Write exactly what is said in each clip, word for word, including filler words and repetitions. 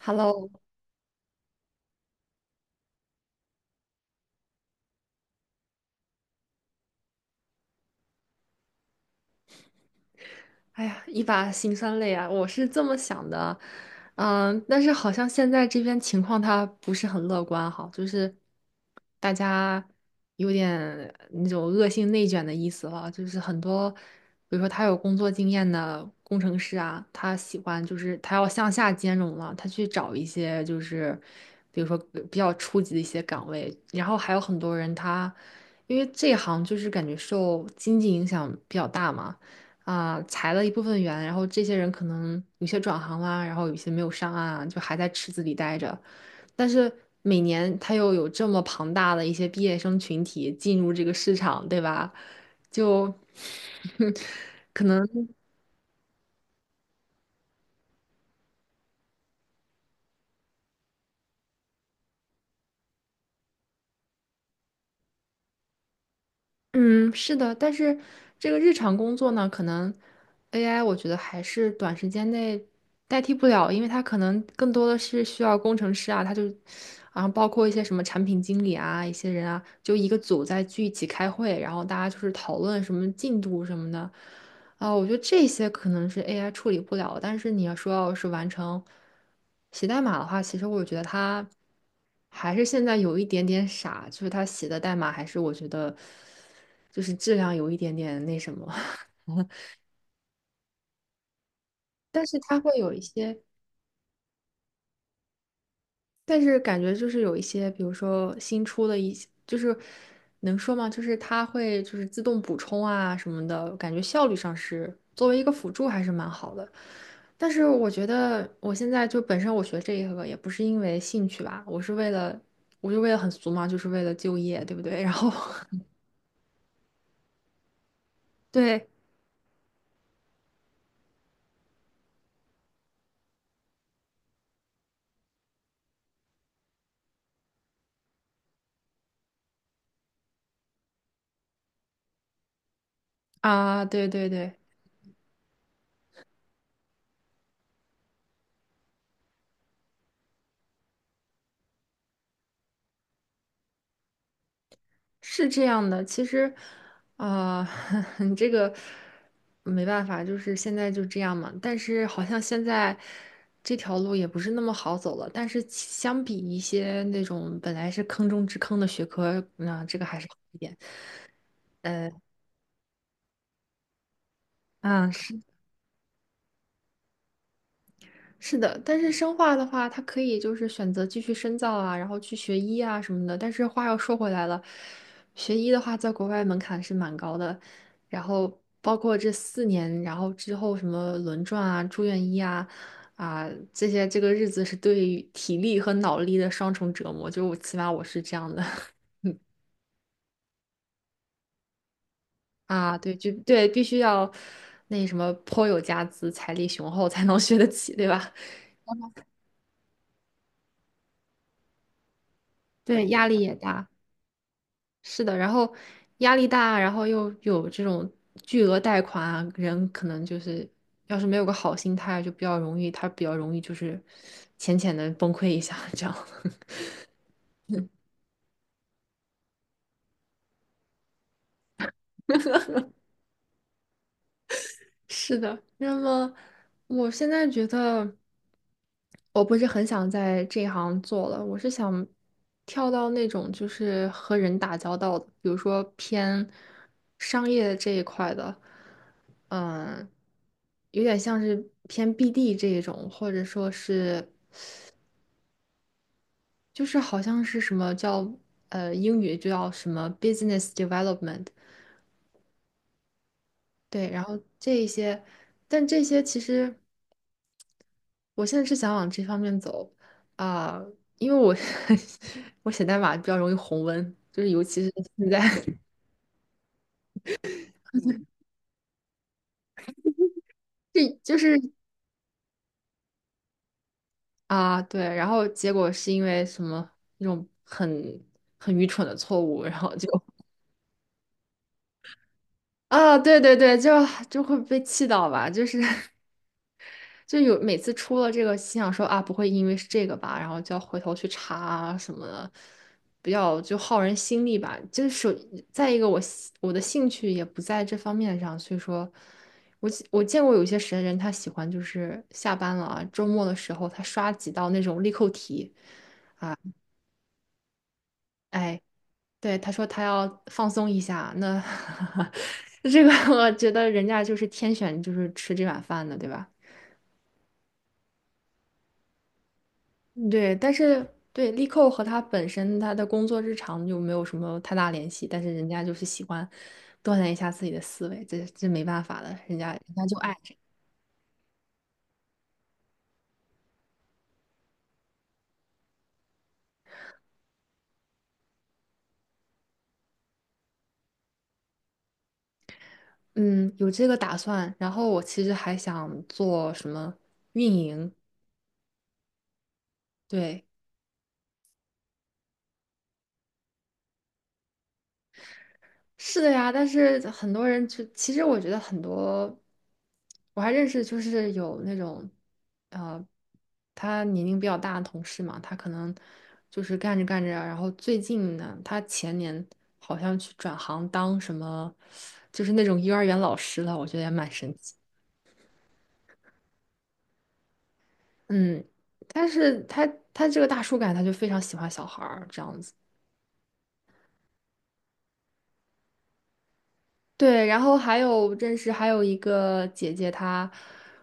Hello，哎呀，一把辛酸泪啊！我是这么想的，嗯，但是好像现在这边情况他不是很乐观哈，就是大家有点那种恶性内卷的意思了，就是很多，比如说他有工作经验的工程师啊，他喜欢就是他要向下兼容了，他去找一些就是比如说呃比较初级的一些岗位，然后还有很多人他因为这行就是感觉受经济影响比较大嘛。啊、裁了一部分员，然后这些人可能有些转行啦、然后有些没有上岸啊，就还在池子里待着。但是每年他又有这么庞大的一些毕业生群体进入这个市场，对吧？就 可能嗯，是的，但是这个日常工作呢，可能 A I 我觉得还是短时间内代替不了，因为它可能更多的是需要工程师啊，他就，然后包括一些什么产品经理啊，一些人啊，就一个组在聚一起开会，然后大家就是讨论什么进度什么的。啊，我觉得这些可能是 A I 处理不了但是你要说要是完成写代码的话，其实我觉得它还是现在有一点点傻，就是它写的代码还是我觉得就是质量有一点点那什么，但是它会有一些但是感觉就是有一些，比如说新出的一些，就是能说吗？就是它会就是自动补充啊什么的，感觉效率上是作为一个辅助还是蛮好的。但是我觉得我现在就本身我学这一个也不是因为兴趣吧，我是为了，我就为了很俗嘛，就是为了就业，对不对？然后 对啊，对对对。是这样的，其实，啊、你这个没办法，就是现在就这样嘛。但是好像现在这条路也不是那么好走了。但是其相比一些那种本来是坑中之坑的学科，那、这个还是好一点。呃，嗯，是。是的，但是生化的话，它可以就是选择继续深造啊，然后去学医啊什么的。但是话又说回来了，学医的话，在国外门槛是蛮高的，然后包括这四年，然后之后什么轮转啊、住院医啊、啊这些，这个日子是对于体力和脑力的双重折磨。就我起码我是这样的 啊，对，就对，必须要那什么颇有家资、财力雄厚才能学得起，对吧？对，压力也大。是的，然后压力大，然后又有这种巨额贷款啊，人可能就是要是没有个好心态，就比较容易，他比较容易就是浅浅的崩溃一下，这样。是的，那么我现在觉得我不是很想在这一行做了，我是想跳到那种就是和人打交道的，比如说偏商业这一块的，嗯，有点像是偏 B D 这一种，或者说是就是好像是什么叫呃英语就叫什么 business development，对，然后这一些，但这些其实。我现在是想往这方面走啊，因为我 我写代码比较容易红温，就是尤其是现在，这就是啊，对，然后结果是因为什么那种很很愚蠢的错误，然后就 啊，对对对，就就会被气到吧，就是 就有每次出了这个，心想说啊，不会因为是这个吧，然后就要回头去查啊什么的，比较就耗人心力吧。就是再一个我喜我的兴趣也不在这方面上，所以说我喜我见过有一些神人，他喜欢就是下班了啊，周末的时候他刷几道那种力扣题，哎，对，他说他要放松一下，那 这个我觉得人家就是天选就是吃这碗饭的，对吧？对，但是对力扣和他本身他的工作日常就没有什么太大联系，但是人家就是喜欢锻炼一下自己的思维，这这没办法的，人家人家就爱，嗯，有这个打算。然后我其实还想做什么运营，对，是的呀，但是很多人就其实我觉得很多，我还认识就是有那种，呃，他年龄比较大的同事嘛，他可能就是干着干着啊，然后最近呢，他前年好像去转行当什么，就是那种幼儿园老师了，我觉得也蛮神奇。嗯，但是他他这个大叔感，他就非常喜欢小孩儿这样子。对，然后还有认识还有一个姐姐，她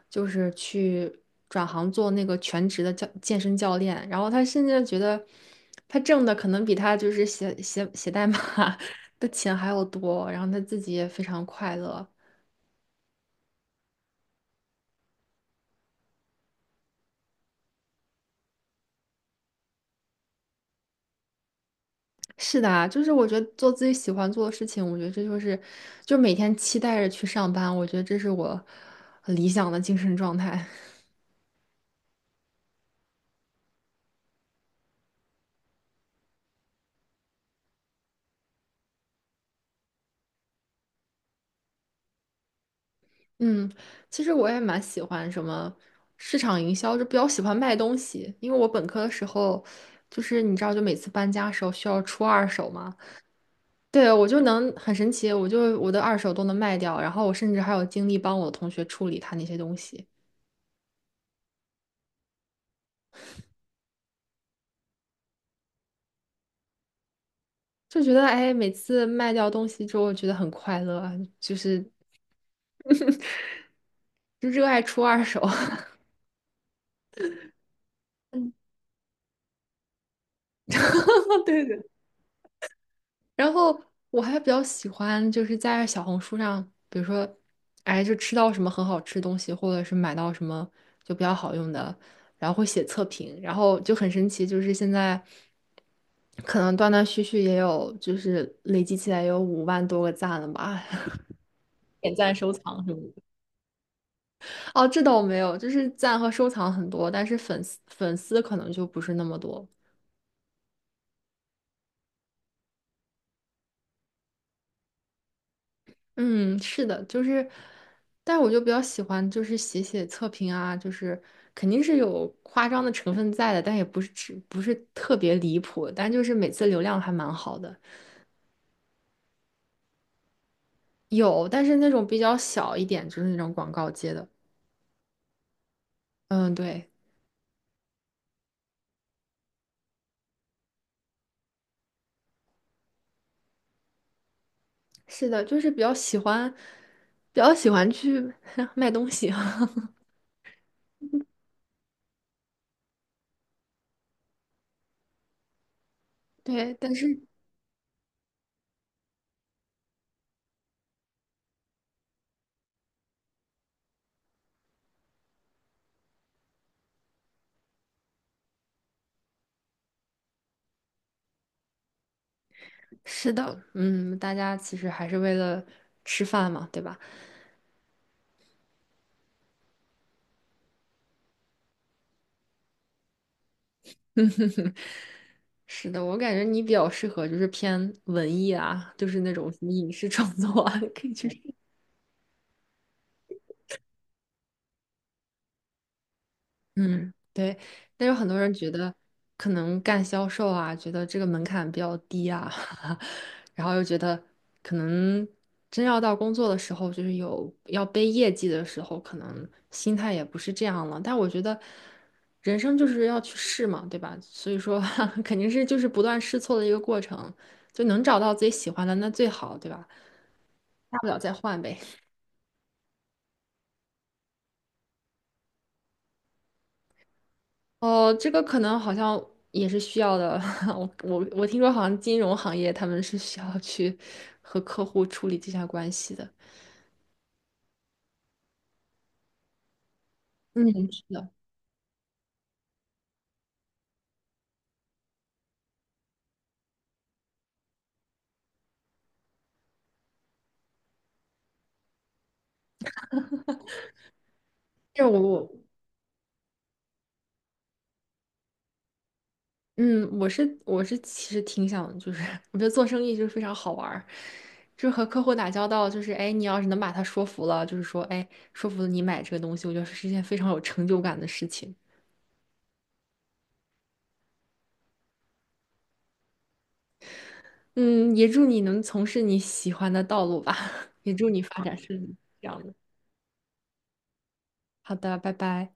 就是去转行做那个全职的教健身教练，然后她甚至觉得她挣的可能比她就是写写写代码 的钱还要多，然后她自己也非常快乐。是的啊，就是我觉得做自己喜欢做的事情，我觉得这就是就每天期待着去上班，我觉得这是我理想的精神状态。嗯，其实我也蛮喜欢什么市场营销，就比较喜欢卖东西。因为我本科的时候，就是你知道，就每次搬家的时候需要出二手嘛，对，我就能很神奇，我就我的二手都能卖掉，然后我甚至还有精力帮我的同学处理他那些东西，就觉得哎，每次卖掉东西之后，觉得很快乐啊，就是就热爱出二手。嗯，对对然后我还比较喜欢，就是在小红书上，比如说，哎，就吃到什么很好吃的东西，或者是买到什么就比较好用的，然后会写测评，然后就很神奇，就是现在可能断断续续也有，就是累积起来也有五万多个赞了吧，点赞、收藏什么的。哦，这倒没有，就是赞和收藏很多，但是粉丝粉丝可能就不是那么多。嗯，是的，就是，但是我就比较喜欢，就是写写测评啊，就是肯定是有夸张的成分在的，但也不是只不是特别离谱，但就是每次流量还蛮好的，有，但是那种比较小一点，就是那种广告接的，嗯，对，是的，就是比较喜欢，比较喜欢去 卖东西，对，但是是的，嗯，大家其实还是为了吃饭嘛，对吧？是的，我感觉你比较适合就是偏文艺啊，就是那种什么影视创作啊，可以去试嗯，对。但有很多人觉得可能干销售啊，觉得这个门槛比较低啊，然后又觉得可能真要到工作的时候，就是有要背业绩的时候，可能心态也不是这样了。但我觉得人生就是要去试嘛，对吧？所以说 肯定是就是不断试错的一个过程，就能找到自己喜欢的那最好，对吧？大不了再换呗。哦，这个可能好像也是需要的。我我我听说好像金融行业他们是需要去和客户处理这下关系的。嗯，是的，这我我嗯，我是我是其实挺想，就是 我觉得做生意就是非常好玩儿，就是和客户打交道，就是哎，你要是能把他说服了，就是说哎，说服了你买这个东西，我觉得是一件非常有成就感的事情。嗯，也祝你能从事你喜欢的道路吧，也祝你发展顺利。这样的。好的，拜拜。